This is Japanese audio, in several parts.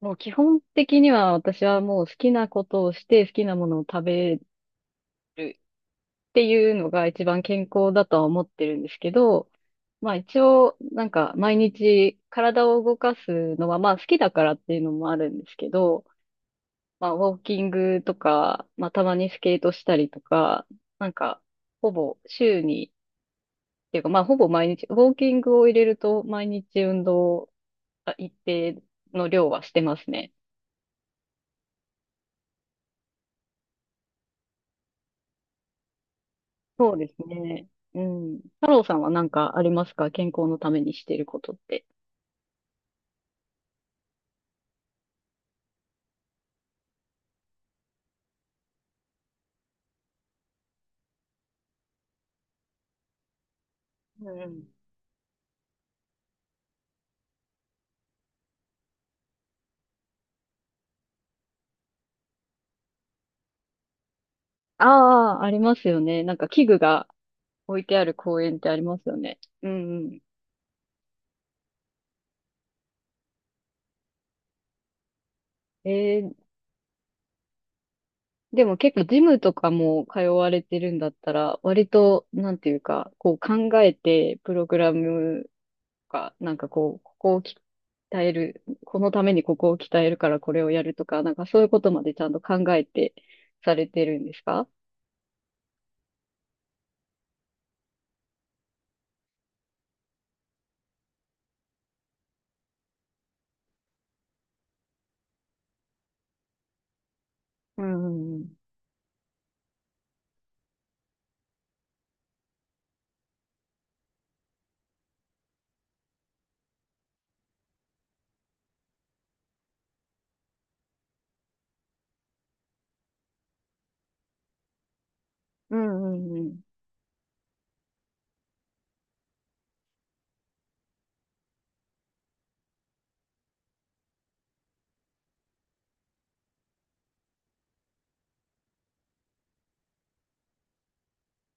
もう基本的には私はもう好きなことをして好きなものを食べるっていうのが一番健康だとは思ってるんですけど、まあ一応なんか毎日体を動かすのはまあ好きだからっていうのもあるんですけど、まあウォーキングとか、まあたまにスケートしたりとか、なんかほぼ週に、っていうかまあほぼ毎日、ウォーキングを入れると毎日運動一定の量はしてますね。そうですね。うん。太郎さんは何かありますか、健康のためにしていることって。うんうん。ああ、ありますよね。なんか器具が置いてある公園ってありますよね。うんうん。えー、でも結構ジムとかも通われてるんだったら、割と、なんていうか、こう考えて、プログラムとか、なんかこう、ここを鍛える、このためにここを鍛えるからこれをやるとか、なんかそういうことまでちゃんと考えてされてるんですか？うんうんうん。うんうんうん。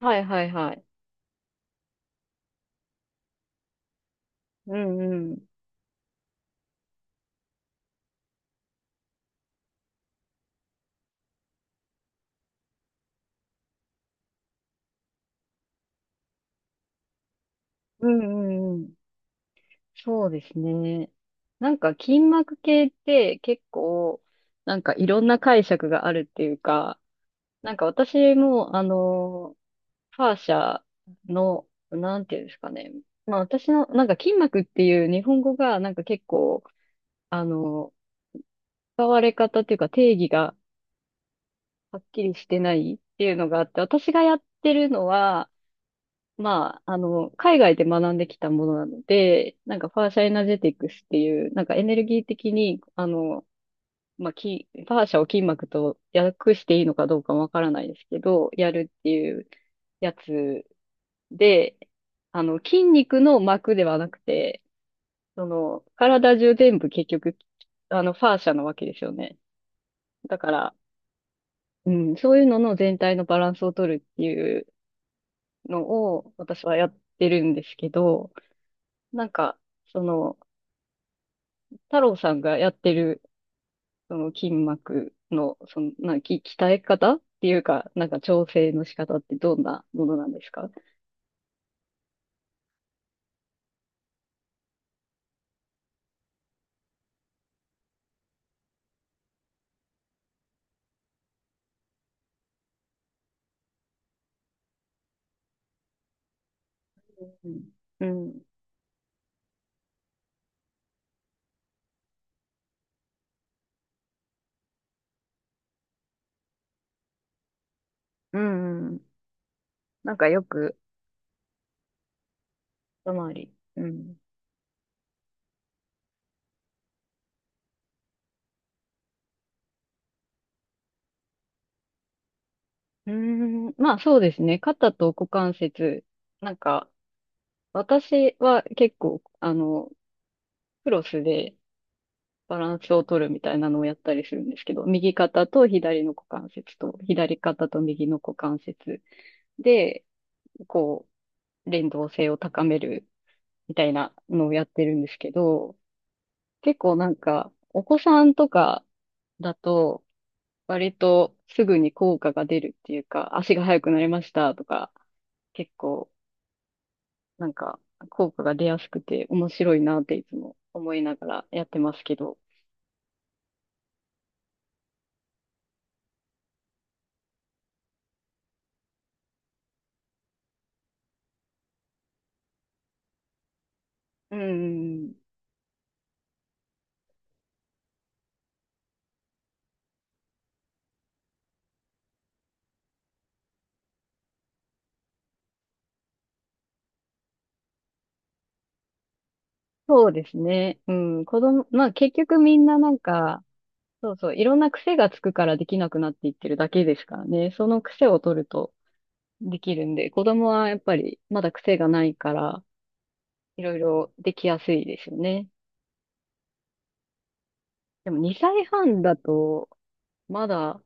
はいはいはい。うんうん。うんうんうん。そうですね。なんか筋膜系って結構、なんかいろんな解釈があるっていうか、なんか私も、あの、ファーシャの、なんていうんですかね。まあ私の、なんか筋膜っていう日本語がなんか結構、あの、使われ方っていうか定義がはっきりしてないっていうのがあって、私がやってるのは、まあ、あの、海外で学んできたものなので、なんかファーシャエナジェティクスっていう、なんかエネルギー的に、あの、まあ、ファーシャを筋膜と訳していいのかどうかわからないですけど、やるっていうやつで、あの、筋肉の膜ではなくて、その、体中全部結局、あの、ファーシャなわけですよね。だから、うん、そういうのの全体のバランスを取るっていうのを、私はやってるんですけど、なんか、その、太郎さんがやってる、その筋膜の、その、鍛え方っていうか、なんか調整の仕方ってどんなものなんですか？うん。うん。うんうん。なんかよく、一回り。うん。うーん。まあそうですね。肩と股関節。なんか、私は結構、あの、クロスでバランスを取るみたいなのをやったりするんですけど、右肩と左の股関節と、左肩と右の股関節で、こう、連動性を高めるみたいなのをやってるんですけど、結構なんか、お子さんとかだと、割とすぐに効果が出るっていうか、足が速くなりましたとか、結構なんか効果が出やすくて面白いなっていつも思いながらやってますけど。うん、そうですね。うん、子供、まあ結局みんななんか、そうそう、いろんな癖がつくからできなくなっていってるだけですからね。その癖を取ると、できるんで、子供はやっぱりまだ癖がないから、いろいろできやすいですよね。でも2歳半だと、まだ、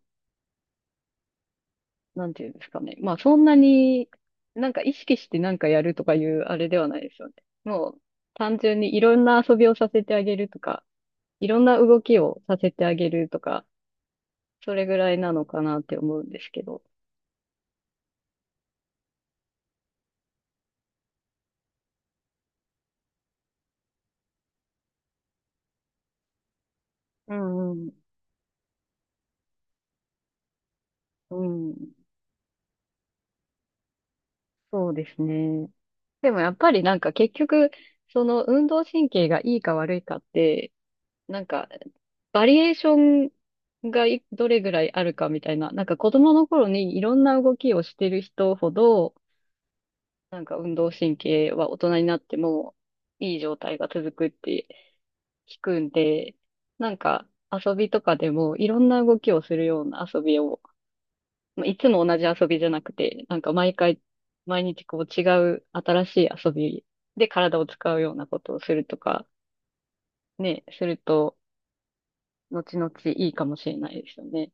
なんていうんですかね。まあそんなに、なんか意識してなんかやるとかいうあれではないですよね。もう単純にいろんな遊びをさせてあげるとか、いろんな動きをさせてあげるとか、それぐらいなのかなって思うんですけど。うんうん、うん、そうですね。でもやっぱりなんか結局、その運動神経がいいか悪いかって、なんかバリエーションがいどれぐらいあるかみたいな、なんか子供の頃にいろんな動きをしてる人ほど、なんか運動神経は大人になってもいい状態が続くって聞くんで、なんか遊びとかでもいろんな動きをするような遊びをいつも同じ遊びじゃなくて、なんか毎回、毎日こう違う新しい遊びで体を使うようなことをするとか、ね、すると、後々いいかもしれないですよね。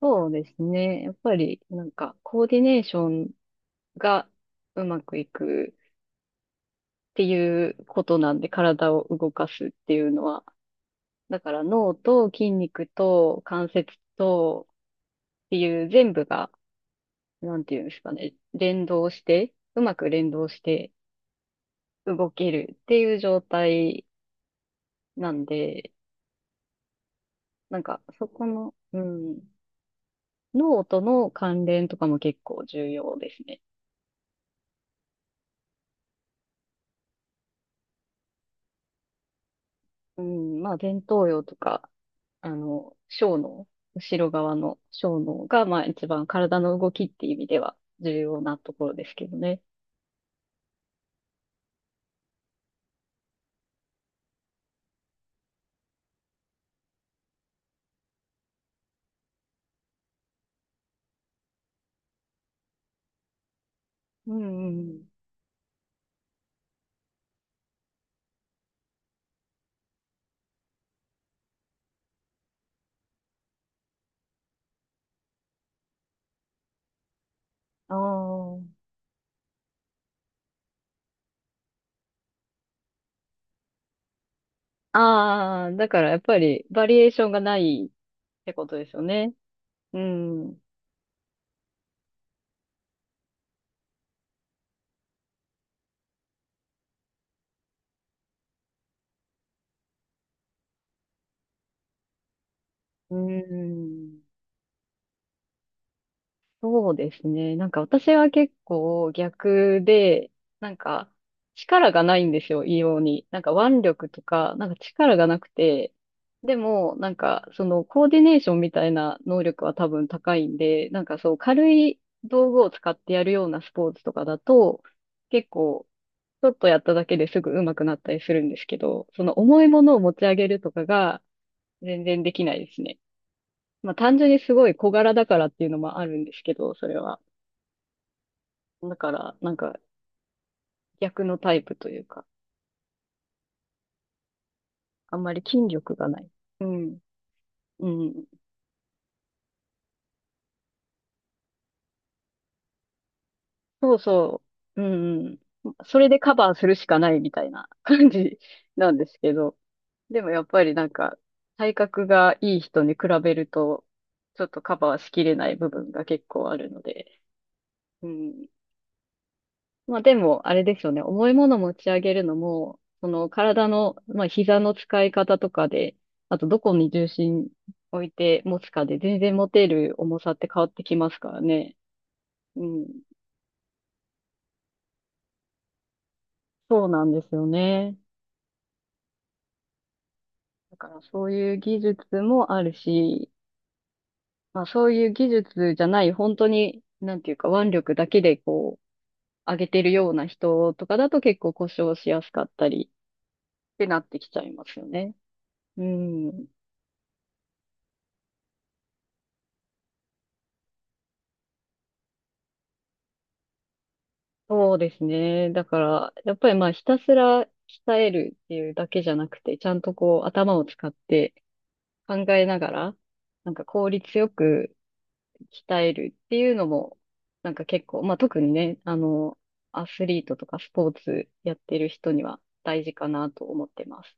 そうですね。やっぱり、なんか、コーディネーションがうまくいくっていうことなんで、体を動かすっていうのは、だから脳と筋肉と関節とっていう全部が、なんていうんですかね、連動して、うまく連動して、動けるっていう状態なんで、なんかそこの、うん、脳との関連とかも結構重要ですね。うん、まあ前頭葉とか、あの、小脳、後ろ側の小脳が、まあ一番体の動きっていう意味では重要なところですけどね。うんうんうん。ああ。ああ、だからやっぱりバリエーションがないってことですよね。うん。うん。そうですね。なんか私は結構逆で、なんか力がないんですよ、異様に。なんか腕力とか、なんか力がなくて、でもなんかそのコーディネーションみたいな能力は多分高いんで、なんかそう軽い道具を使ってやるようなスポーツとかだと、結構ちょっとやっただけですぐ上手くなったりするんですけど、その重いものを持ち上げるとかが全然できないですね。まあ単純にすごい小柄だからっていうのもあるんですけど、それは。だから、なんか逆のタイプというか、あんまり筋力がない。うん。うん。そうそう。うんうん。それでカバーするしかないみたいな感じなんですけど、でもやっぱりなんか、体格がいい人に比べると、ちょっとカバーしきれない部分が結構あるので、うん。まあでも、あれですよね。重いもの持ち上げるのも、その体の、まあ膝の使い方とかで、あとどこに重心置いて持つかで全然持てる重さって変わってきますからね。うん。そうなんですよね。だからそういう技術もあるし、まあそういう技術じゃない、本当に、なんていうか腕力だけでこう、上げてるような人とかだと結構故障しやすかったりってなってきちゃいますよね。うん。そうですね。だから、やっぱりまあひたすら鍛えるっていうだけじゃなくて、ちゃんとこう頭を使って考えながら、なんか効率よく鍛えるっていうのも、なんか結構、まあ特にね、あの、アスリートとかスポーツやってる人には大事かなと思ってます。